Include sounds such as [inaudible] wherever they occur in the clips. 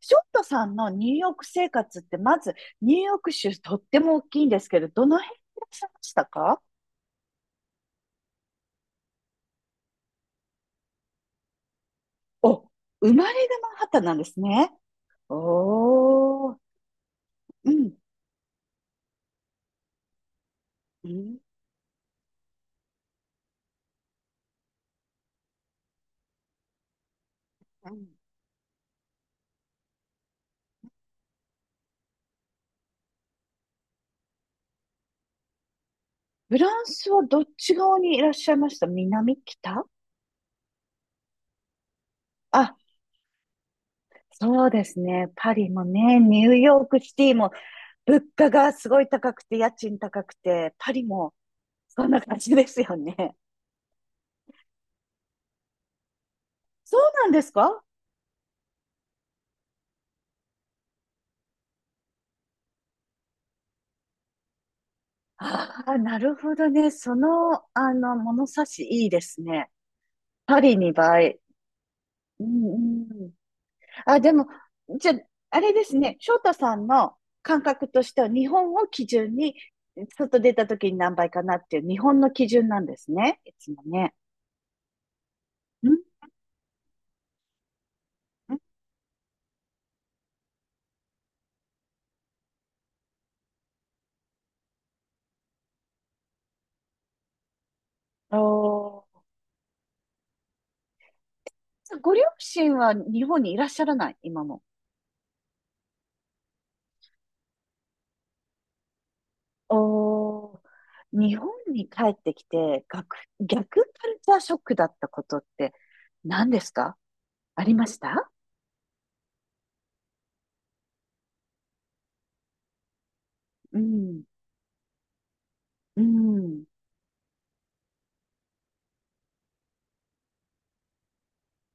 ショットさんのニューヨーク生活って、まずニューヨーク州とっても大きいんですけど、どの辺にいらっしゃいましたか？お、生まれがマンハッタンなんですね。おー。うん。うん。うん。フランスはどっち側にいらっしゃいました？南、北？あ、そうですね。パリもね、ニューヨークシティも物価がすごい高くて、家賃高くて、パリもそんな感じですよね。そうなんですか？ああ、なるほどね。その、物差しいいですね。パリ2倍。うんうん。あ、でも、じゃあ、あれですね。翔太さんの感覚としては、日本を基準に、外出た時に何倍かなっていう、日本の基準なんですね。いつもね。うんうん。おー。ご両親は日本にいらっしゃらない、今も？おー。日本に帰ってきて、逆カルチャーショックだったことって何ですか？ありました？うん。うん。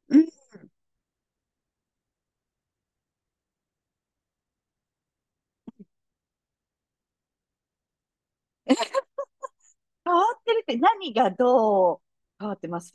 うん。え、変わってるって何がどう変わってます？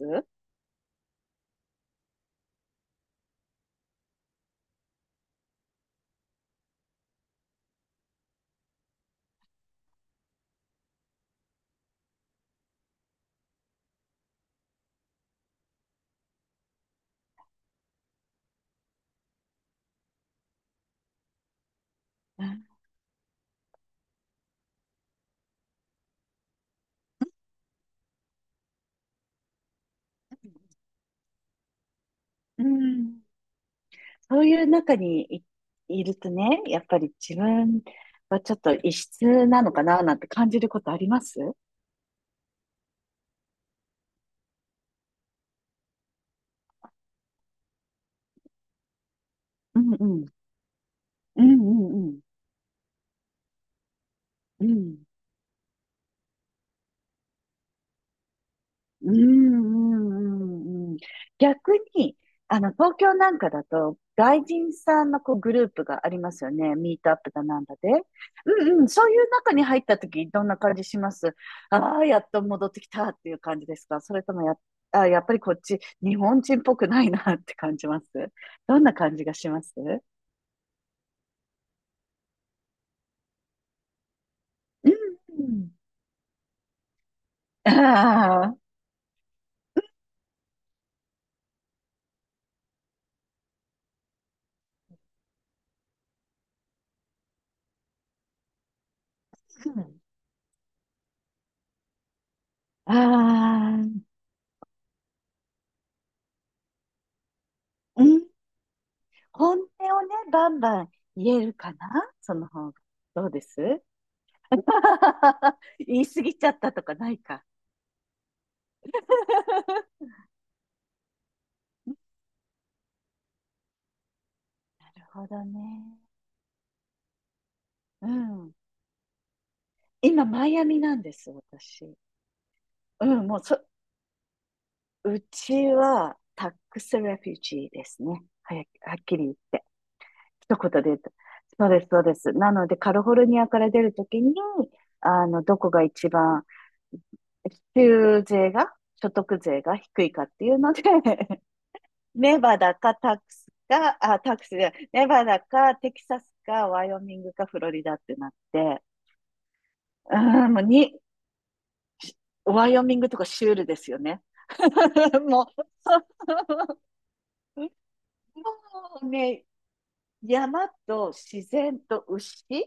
うんうん。そういう中にい、いるとね、やっぱり自分はちょっと異質なのかななんて感じることあります？うんうん。うんうんうん。うん。うんうんうんうん。逆に、東京なんかだと、外人さんのこうグループがありますよね。ミートアップだなんだで。うんうん。そういう中に入った時、どんな感じします？ああー、やっと戻ってきたっていう感じですか？それともや、あー、やっぱりこっち、日本人っぽくないなって感じます？どんな感じがします？うんうん。ああ。ああ。うん。本音をね、バンバン言えるかな、その方が。どうです？ [laughs] 言い過ぎちゃったとかないか。[laughs] なるほどね。うん。今、マイアミなんです、私。うん、もうそ、うちはタックスレフュージーですね。はっきり言って。一言で言うと。そうです、そうです。なので、カリフォルニアから出るときに、どこが一番、州税が、所得税が低いかっていうので、ネバダかタックスか、あ、タックスで、ネバダかテキサスかワイオミングかフロリダってなって、うーん、もうに、ワイオミングとかシュールですよね。[laughs] もう、[laughs] もうね、山と自然と牛、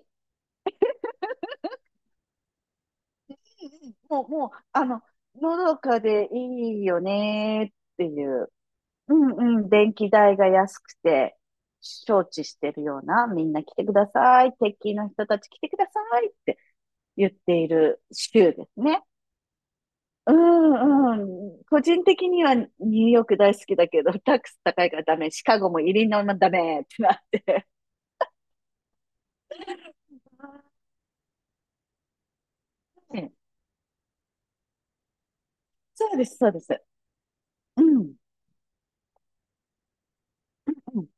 もう、もう、のどかでいいよねっていう、うんうん、電気代が安くて、承知してるような、みんな来てください、鉄筋の人たち来てくださいって言っている州ですね。うんうん。個人的にはニューヨーク大好きだけど、タックス高いからダメ、シカゴもイリノイもダメってなって。うん。そうです、そうです。うん。うん、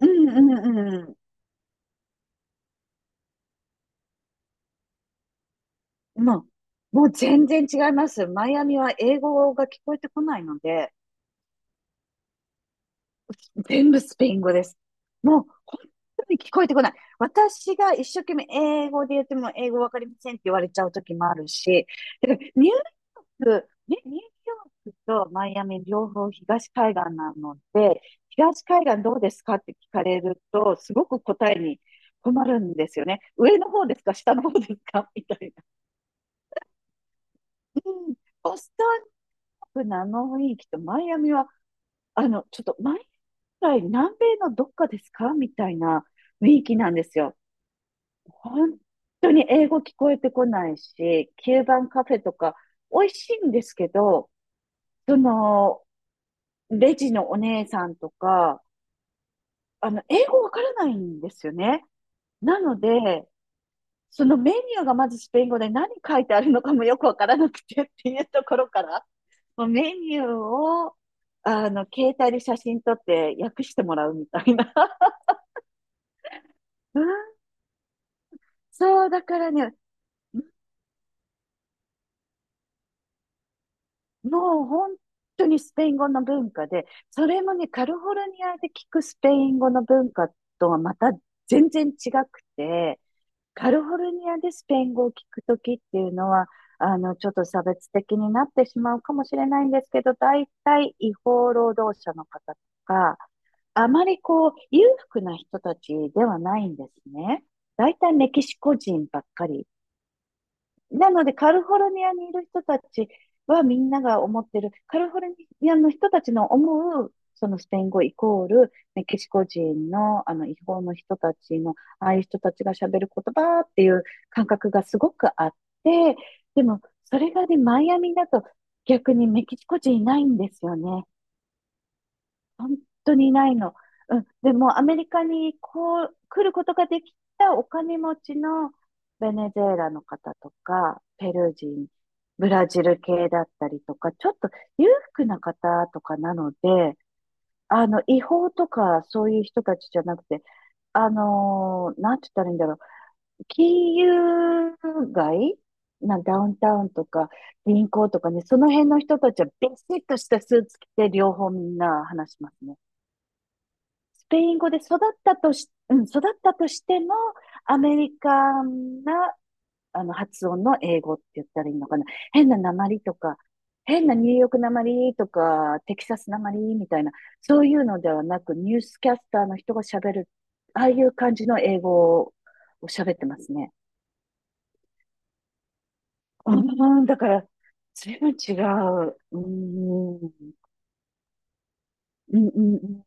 うん、うん、うん。もう全然違います。マイアミは英語が聞こえてこないので、全部スペイン語です。もう、本当に聞こえてこない。私が一生懸命英語で言っても英語わかりませんって言われちゃう時もあるし、だからニューヨークとマイアミ両方東海岸なので、東海岸どうですかって聞かれると、すごく答えに困るんですよね。上の方ですか、下の方ですか、 [laughs] みたいな。うん。ボストンのあの雰囲気とマイアミは、ちょっと毎回南米のどっかですかみたいな雰囲気なんですよ。本当に英語聞こえてこないし、キューバンカフェとか美味しいんですけど、その、レジのお姉さんとか、英語わからないんですよね。なので、そのメニューがまずスペイン語で何書いてあるのかもよくわからなくてっていうところから、もうメニューを、携帯で写真撮って訳してもらうみたいな。[laughs] うん。そう、だからね、もう本当にスペイン語の文化で、それもね、カリフォルニアで聞くスペイン語の文化とはまた全然違くて、カリフォルニアでスペイン語を聞くときっていうのは、ちょっと差別的になってしまうかもしれないんですけど、大体違法労働者の方とか、あまりこう、裕福な人たちではないんですね。大体メキシコ人ばっかりなので、カリフォルニアにいる人たちはみんなが思ってる、カリフォルニアの人たちの思う、そのスペイン語イコール、ねメキシコ人の、違法の人たちの、ああいう人たちが喋る言葉っていう感覚がすごくあって、でも、それがね、マイアミだと逆にメキシコ人いないんですよね。本当にないの。うん。でも、アメリカにこう、来ることができたお金持ちのベネズエラの方とか、ペルー人、ブラジル系だったりとか、ちょっと裕福な方とかなので、違法とかそういう人たちじゃなくて、なんて言ったらいいんだろう。金融街なダウンタウンとか銀行とかね、その辺の人たちはビシッとしたスーツ着て両方みんな話しますね。スペイン語で育ったとし、うん、育ったとしても、アメリカンな、発音の英語って言ったらいいのかな。変な訛りとか、変なニューヨーク訛りとか、テキサス訛りみたいな、そういうのではなく、ニュースキャスターの人が喋る、ああいう感じの英語を喋ってますね。うん、だから、随分違う。うん、うん、うん。うん。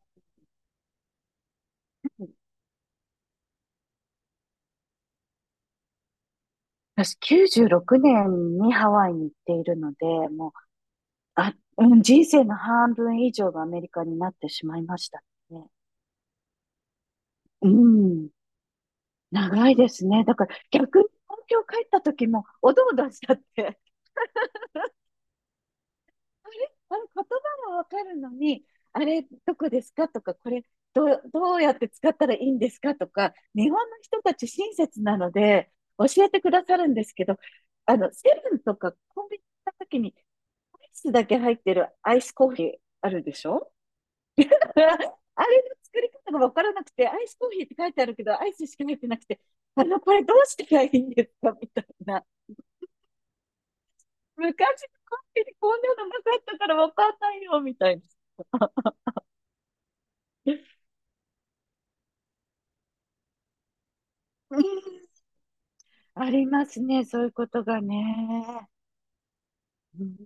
私、96年にハワイに行っているので、もうあ、うん、人生の半分以上がアメリカになってしまいましたね。うん、長いですね。だから逆に東京帰った時もおどおどしちゃって、[laughs] あれあれ言葉がわかるのに、あれどこですかとか、これどう、どうやって使ったらいいんですかとか、日本の人たち親切なので教えてくださるんですけど、セブンとかコンビニ行った時にアイスだけ入ってるアイスコーヒーあるでしょ？ [laughs] あれの作り方がわからなくて、アイスコーヒーって書いてあるけど、アイスしか入ってなくて、これどうしたらいいんですかみたいな。昔のコーヒーにこんなのなかったからわかんないよ、みたいな。[laughs] うん、ありますね、そういうことがね。うん